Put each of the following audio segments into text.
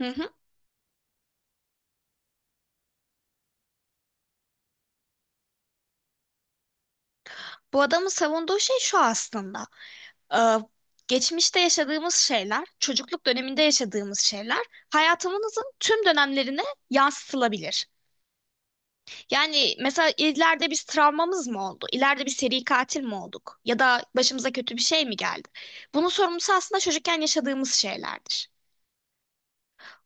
Hı hı. Bu adamın savunduğu şey şu aslında. Ee, Geçmişte yaşadığımız şeyler, çocukluk döneminde yaşadığımız şeyler hayatımızın tüm dönemlerine yansıtılabilir. Yani mesela ileride bir travmamız mı oldu? İleride bir seri katil mi olduk? Ya da başımıza kötü bir şey mi geldi? Bunun sorumlusu aslında çocukken yaşadığımız şeylerdir.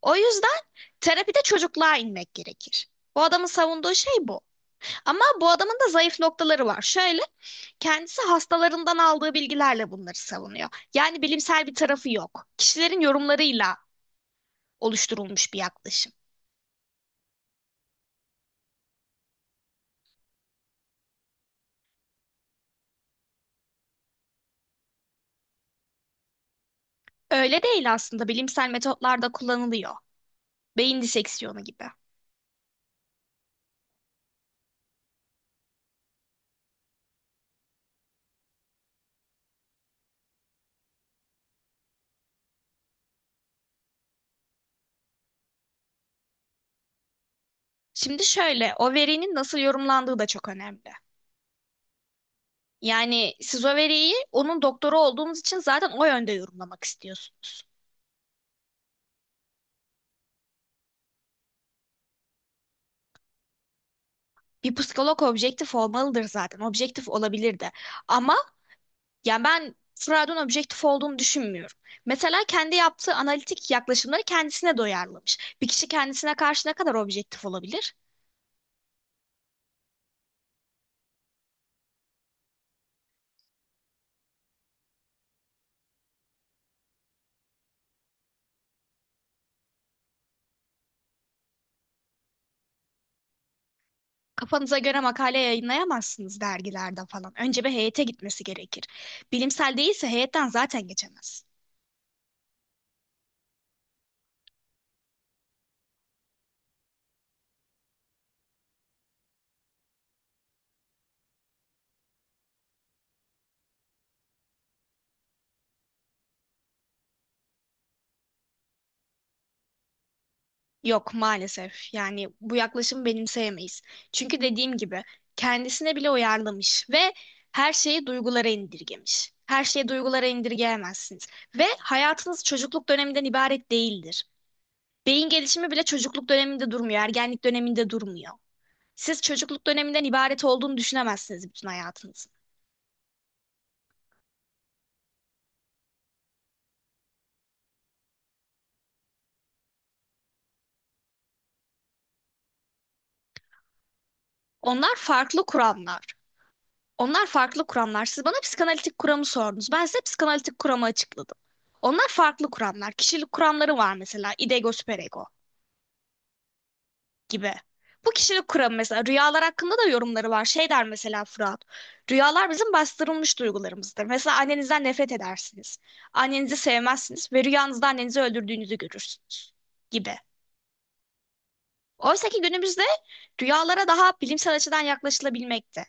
O yüzden terapide çocukluğa inmek gerekir. Bu adamın savunduğu şey bu. Ama bu adamın da zayıf noktaları var. Şöyle, kendisi hastalarından aldığı bilgilerle bunları savunuyor. Yani bilimsel bir tarafı yok. Kişilerin yorumlarıyla oluşturulmuş bir yaklaşım. Öyle değil aslında, bilimsel metotlarda kullanılıyor. Beyin diseksiyonu gibi. Şimdi şöyle, o verinin nasıl yorumlandığı da çok önemli. Yani siz o veriyi onun doktoru olduğunuz için zaten o yönde yorumlamak istiyorsunuz. Bir psikolog objektif olmalıdır zaten. Objektif olabilir de. Ama yani ben Freud'un objektif olduğunu düşünmüyorum. Mesela kendi yaptığı analitik yaklaşımları kendisine doyarlamış. Bir kişi kendisine karşı ne kadar objektif olabilir? Kafanıza göre makale yayınlayamazsınız dergilerde falan. Önce bir heyete gitmesi gerekir. Bilimsel değilse heyetten zaten geçemez. Yok maalesef. Yani bu yaklaşımı benimseyemeyiz. Çünkü dediğim gibi kendisine bile uyarlamış ve her şeyi duygulara indirgemiş. Her şeyi duygulara indirgeyemezsiniz. Ve hayatınız çocukluk döneminden ibaret değildir. Beyin gelişimi bile çocukluk döneminde durmuyor, ergenlik döneminde durmuyor. Siz çocukluk döneminden ibaret olduğunu düşünemezsiniz bütün hayatınızın. Onlar farklı kuramlar. Onlar farklı kuramlar. Siz bana psikanalitik kuramı sordunuz. Ben size psikanalitik kuramı açıkladım. Onlar farklı kuramlar. Kişilik kuramları var mesela. İdego, süperego gibi. Bu kişilik kuramı mesela, rüyalar hakkında da yorumları var. Şey der mesela Fırat. Rüyalar bizim bastırılmış duygularımızdır. Mesela annenizden nefret edersiniz. Annenizi sevmezsiniz ve rüyanızda annenizi öldürdüğünüzü görürsünüz gibi. Oysa ki günümüzde rüyalara daha bilimsel açıdan yaklaşılabilmekte.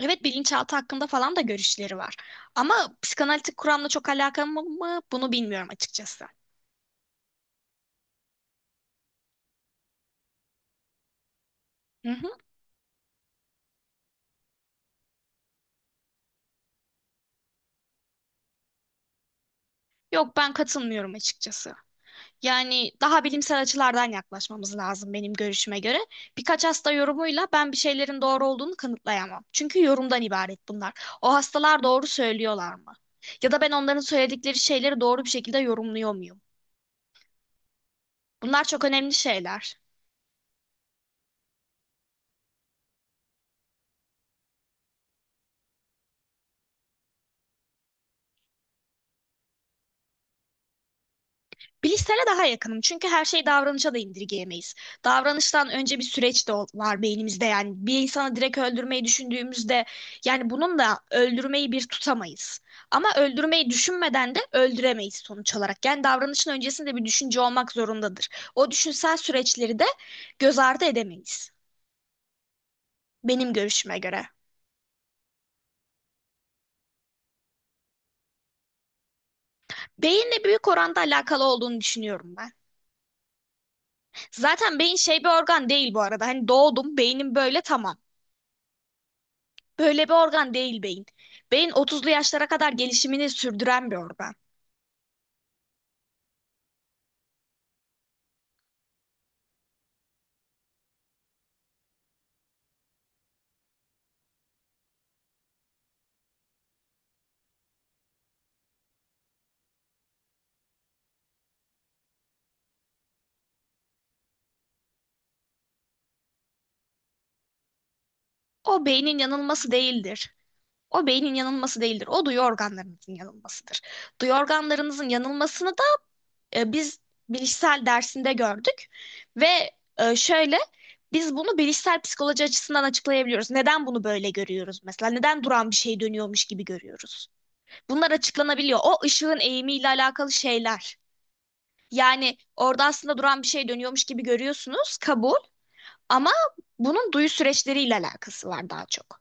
Evet, bilinçaltı hakkında falan da görüşleri var. Ama psikanalitik kuramla çok alakalı mı bunu bilmiyorum açıkçası. Hı hı. Yok, ben katılmıyorum açıkçası. Yani daha bilimsel açılardan yaklaşmamız lazım benim görüşüme göre. Birkaç hasta yorumuyla ben bir şeylerin doğru olduğunu kanıtlayamam. Çünkü yorumdan ibaret bunlar. O hastalar doğru söylüyorlar mı? Ya da ben onların söyledikleri şeyleri doğru bir şekilde yorumluyor muyum? Bunlar çok önemli şeyler. Bilişsele daha yakınım çünkü her şeyi davranışa da indirgeyemeyiz. Davranıştan önce bir süreç de var beynimizde. Yani bir insanı direkt öldürmeyi düşündüğümüzde, yani bunun da öldürmeyi bir tutamayız. Ama öldürmeyi düşünmeden de öldüremeyiz sonuç olarak. Yani davranışın öncesinde bir düşünce olmak zorundadır. O düşünsel süreçleri de göz ardı edemeyiz benim görüşüme göre. Beyinle büyük oranda alakalı olduğunu düşünüyorum ben. Zaten beyin şey bir organ değil bu arada. Hani doğdum, beynim böyle tamam. Böyle bir organ değil beyin. Beyin 30'lu yaşlara kadar gelişimini sürdüren bir organ. O beynin yanılması değildir. O beynin yanılması değildir. O duyu organlarınızın yanılmasıdır. Duyu organlarınızın yanılmasını da biz bilişsel dersinde gördük. Ve şöyle, biz bunu bilişsel psikoloji açısından açıklayabiliyoruz. Neden bunu böyle görüyoruz mesela? Neden duran bir şey dönüyormuş gibi görüyoruz? Bunlar açıklanabiliyor. O ışığın eğimiyle alakalı şeyler. Yani orada aslında duran bir şey dönüyormuş gibi görüyorsunuz, kabul. Ama bunun duyu süreçleriyle alakası var daha çok.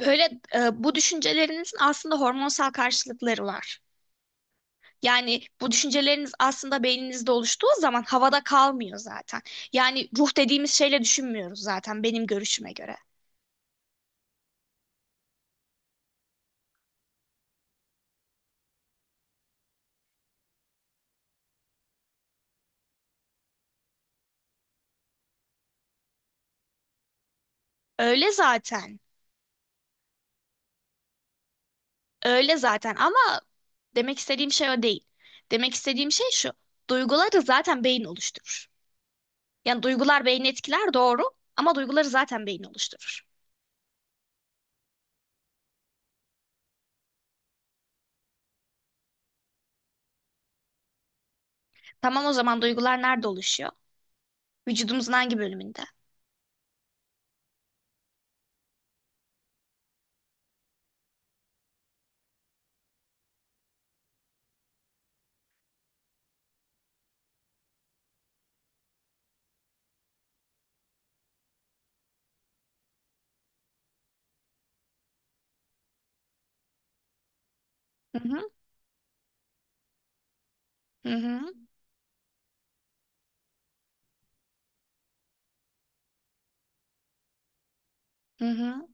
Böyle bu düşüncelerinizin aslında hormonsal karşılıkları var. Yani bu düşünceleriniz aslında beyninizde oluştuğu zaman havada kalmıyor zaten. Yani ruh dediğimiz şeyle düşünmüyoruz zaten benim görüşüme göre. Öyle zaten. Öyle zaten ama demek istediğim şey o değil. Demek istediğim şey şu. Duyguları zaten beyin oluşturur. Yani duygular beyni etkiler, doğru, ama duyguları zaten beyin oluşturur. Tamam, o zaman duygular nerede oluşuyor? Vücudumuzun hangi bölümünde? Hı hı, hı hı, hı hı,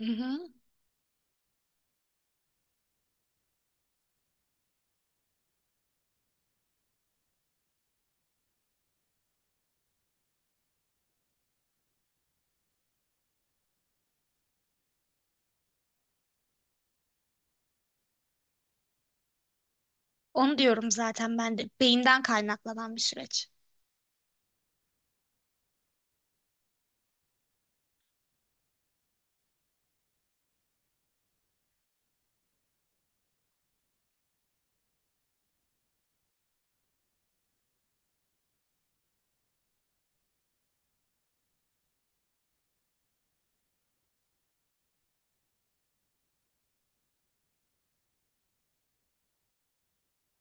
hı hı. Onu diyorum zaten ben de. Beyinden kaynaklanan bir süreç.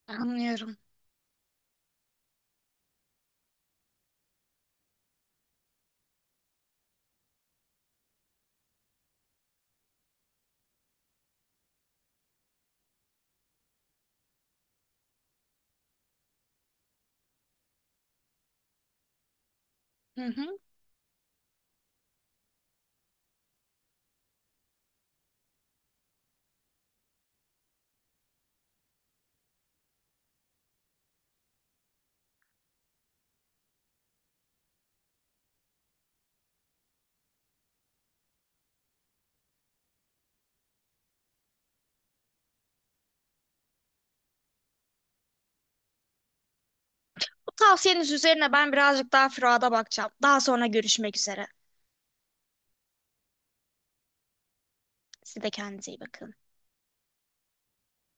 Anlıyorum. Hı hı. Bu tavsiyeniz üzerine ben birazcık daha Fırat'a bakacağım. Daha sonra görüşmek üzere. Siz de kendinize iyi bakın.